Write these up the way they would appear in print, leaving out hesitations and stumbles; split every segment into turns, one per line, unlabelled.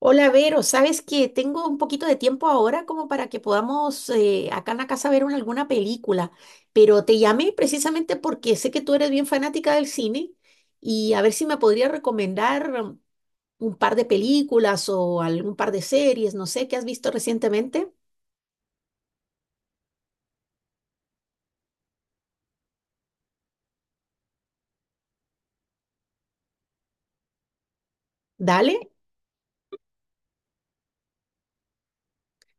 Hola, Vero, ¿sabes que tengo un poquito de tiempo ahora como para que podamos acá en la casa ver alguna película? Pero te llamé precisamente porque sé que tú eres bien fanática del cine y a ver si me podría recomendar un par de películas o algún par de series, no sé. ¿Qué has visto recientemente? Dale.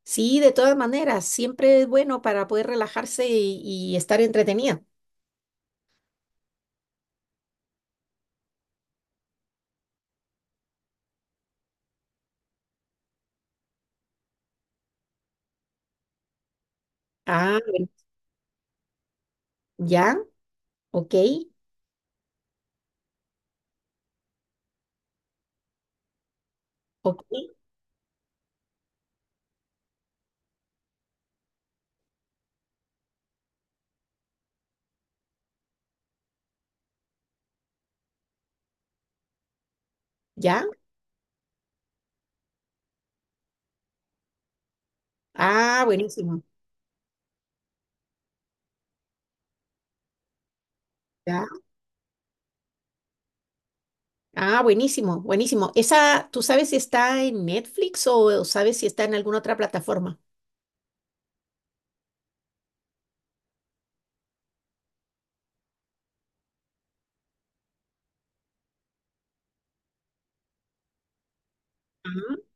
Sí, de todas maneras, siempre es bueno para poder relajarse y estar entretenida. Ah, bueno, ya, ok, ok, ya. Ah, buenísimo. Ah, buenísimo, buenísimo. Esa, ¿tú sabes si está en Netflix o sabes si está en alguna otra plataforma? Ah.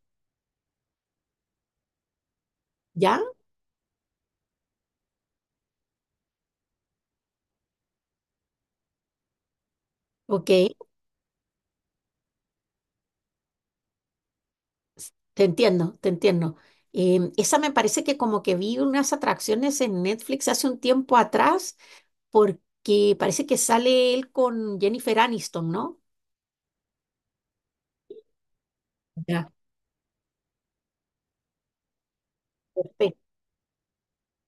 ¿Ya? Ok, te entiendo, te entiendo. Esa me parece que como que vi unas atracciones en Netflix hace un tiempo atrás porque parece que sale él con Jennifer Aniston, ¿no? Ya.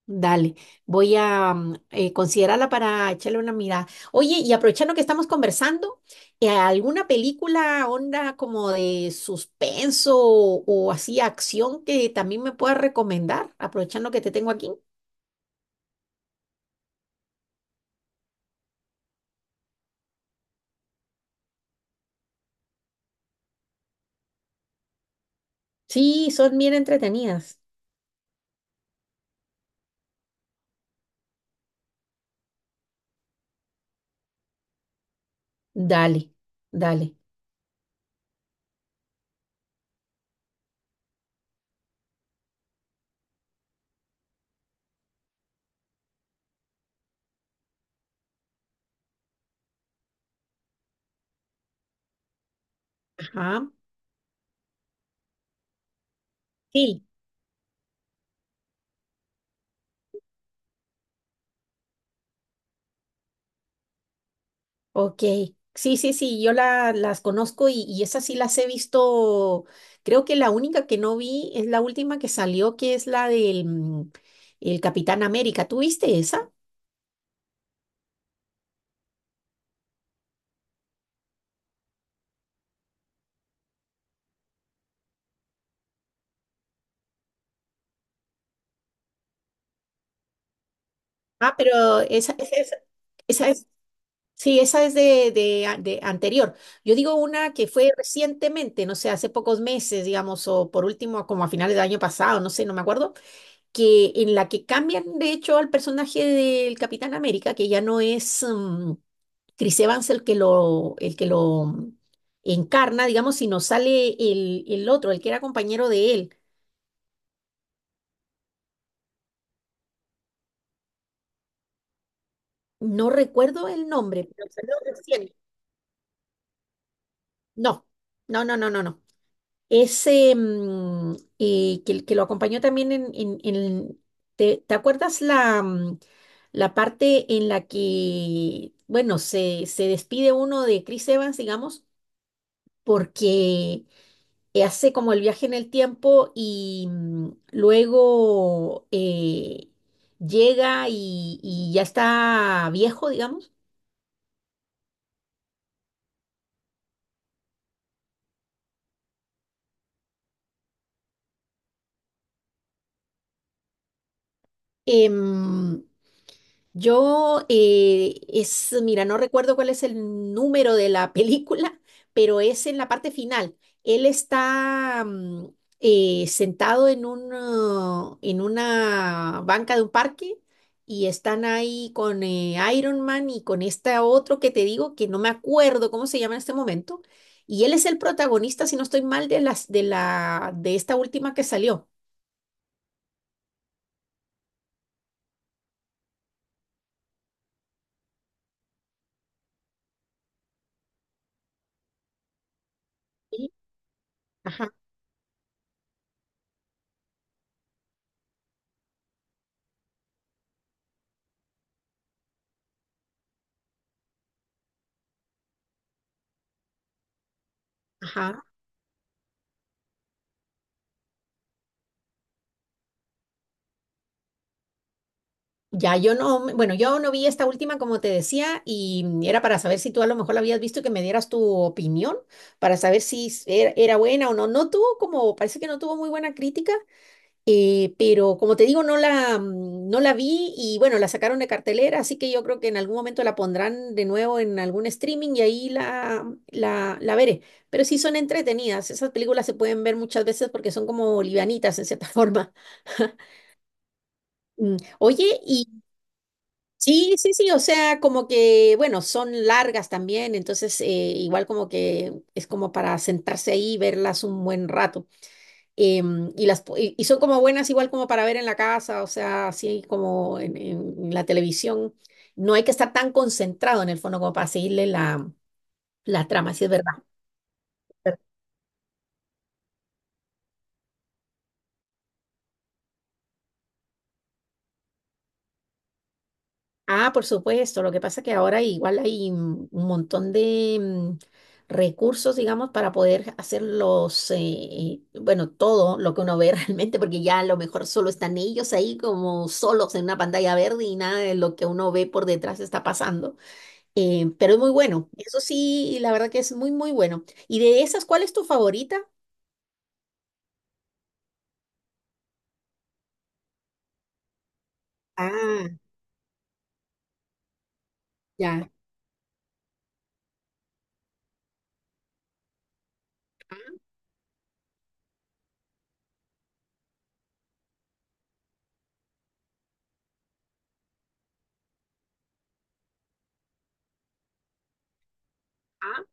Dale, voy a considerarla para echarle una mirada. Oye, y aprovechando que estamos conversando, ¿alguna película onda como de suspenso o así acción que también me puedas recomendar? Aprovechando que te tengo aquí. Sí, son bien entretenidas. Dale, dale. Ajá. Sí. Ok, sí, sí, sí, yo las conozco y esas sí las he visto. Creo que la única que no vi es la última que salió, que es la del el Capitán América. ¿Tú viste esa? Ah, pero esa es, sí, esa es de, de anterior. Yo digo una que fue recientemente, no sé, hace pocos meses, digamos, o por último, como a finales del año pasado, no sé, no me acuerdo, que en la que cambian, de hecho, al personaje del Capitán América, que ya no es... Chris Evans el que el que lo encarna, digamos, si no sale el otro, el que era compañero de él. No recuerdo el nombre, pero salió recién. No, no, no, no, no, no. Ese que lo acompañó también en... ¿te, te acuerdas la, la parte en la que, bueno, se despide uno de Chris Evans, digamos, porque hace como el viaje en el tiempo y luego llega y ya está viejo, digamos. Em, es, mira, no recuerdo cuál es el número de la película, pero es en la parte final. Él está sentado en en una banca de un parque y están ahí con Iron Man y con este otro que te digo que no me acuerdo cómo se llama en este momento. Y él es el protagonista, si no estoy mal, de de esta última que salió. Sí. Ajá, ajá. Ya, yo no, bueno, yo no vi esta última, como te decía, y era para saber si tú a lo mejor la habías visto y que me dieras tu opinión, para saber si era, era buena o no. No tuvo como, parece que no tuvo muy buena crítica, pero como te digo, no no la vi y bueno, la sacaron de cartelera, así que yo creo que en algún momento la pondrán de nuevo en algún streaming y ahí la veré. Pero sí son entretenidas, esas películas se pueden ver muchas veces porque son como livianitas en cierta forma. Oye, sí, sí, sí, o sea, como que, bueno, son largas también, entonces igual como que es como para sentarse ahí y verlas un buen rato. Y, las, po- y son como buenas igual como para ver en la casa, o sea, así como en la televisión. No hay que estar tan concentrado en el fondo como para seguirle la trama, sí es verdad. Ah, por supuesto. Lo que pasa es que ahora igual hay un montón de recursos, digamos, para poder hacer bueno, todo lo que uno ve realmente, porque ya a lo mejor solo están ellos ahí como solos en una pantalla verde y nada de lo que uno ve por detrás está pasando. Pero es muy bueno. Eso sí, la verdad que es muy, muy bueno. ¿Y de esas, cuál es tu favorita? Ah, ya. Ah, ah.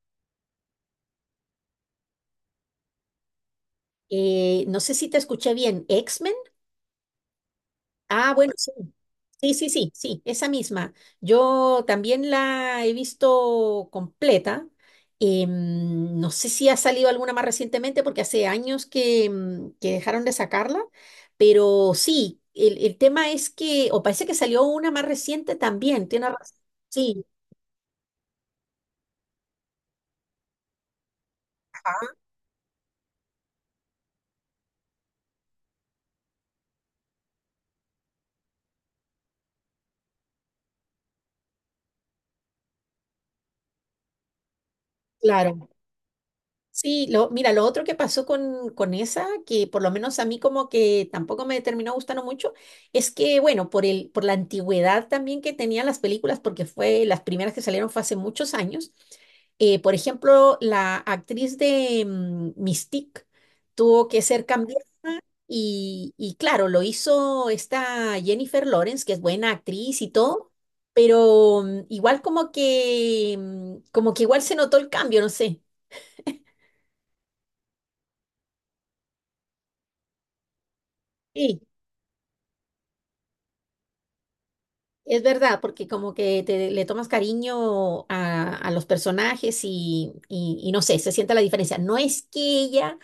No sé si te escuché bien. X. Ah, bueno, sí. Sí, sí, sí, sí, esa misma. Yo también la he visto completa. No sé si ha salido alguna más recientemente porque hace años que, que dejaron de sacarla, pero sí, el tema es que, o parece que salió una más reciente también, tiene razón. Sí, claro. Sí, lo, mira, lo otro que pasó con esa, que por lo menos a mí como que tampoco me terminó gustando mucho, es que, bueno, por por la antigüedad también que tenían las películas, porque fue, las primeras que salieron fue hace muchos años, por ejemplo, la actriz de Mystique tuvo que ser cambiada y claro, lo hizo esta Jennifer Lawrence, que es buena actriz y todo, pero igual como que, como que igual se notó el cambio, no sé. Sí. Es verdad, porque como que le tomas cariño a los personajes y no sé, se siente la diferencia. No es que ella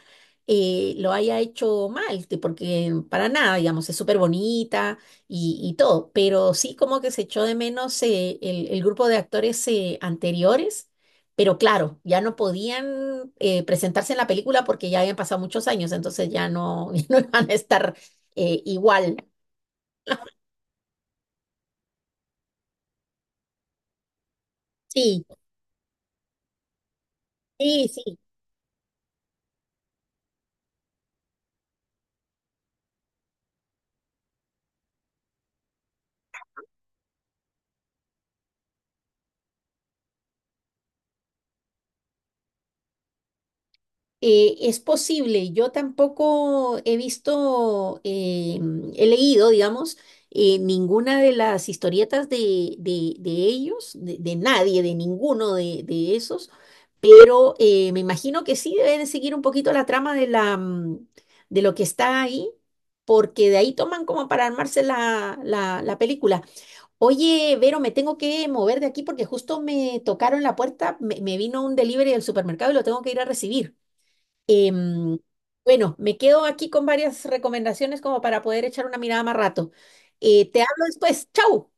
lo haya hecho mal, porque para nada, digamos, es súper bonita y todo, pero sí como que se echó de menos el grupo de actores anteriores, pero claro, ya no podían presentarse en la película porque ya habían pasado muchos años, entonces ya no, no iban a estar igual. Sí, sí, sí. Es posible, yo tampoco he visto, he leído, digamos, ninguna de las historietas de, de ellos, de nadie, de ninguno de esos, pero me imagino que sí deben seguir un poquito la trama de la, de lo que está ahí, porque de ahí toman como para armarse la película. Oye, Vero, me tengo que mover de aquí porque justo me tocaron la puerta, me vino un delivery del supermercado y lo tengo que ir a recibir. Em, bueno, me quedo aquí con varias recomendaciones como para poder echar una mirada más rato. Te hablo después. ¡Chau!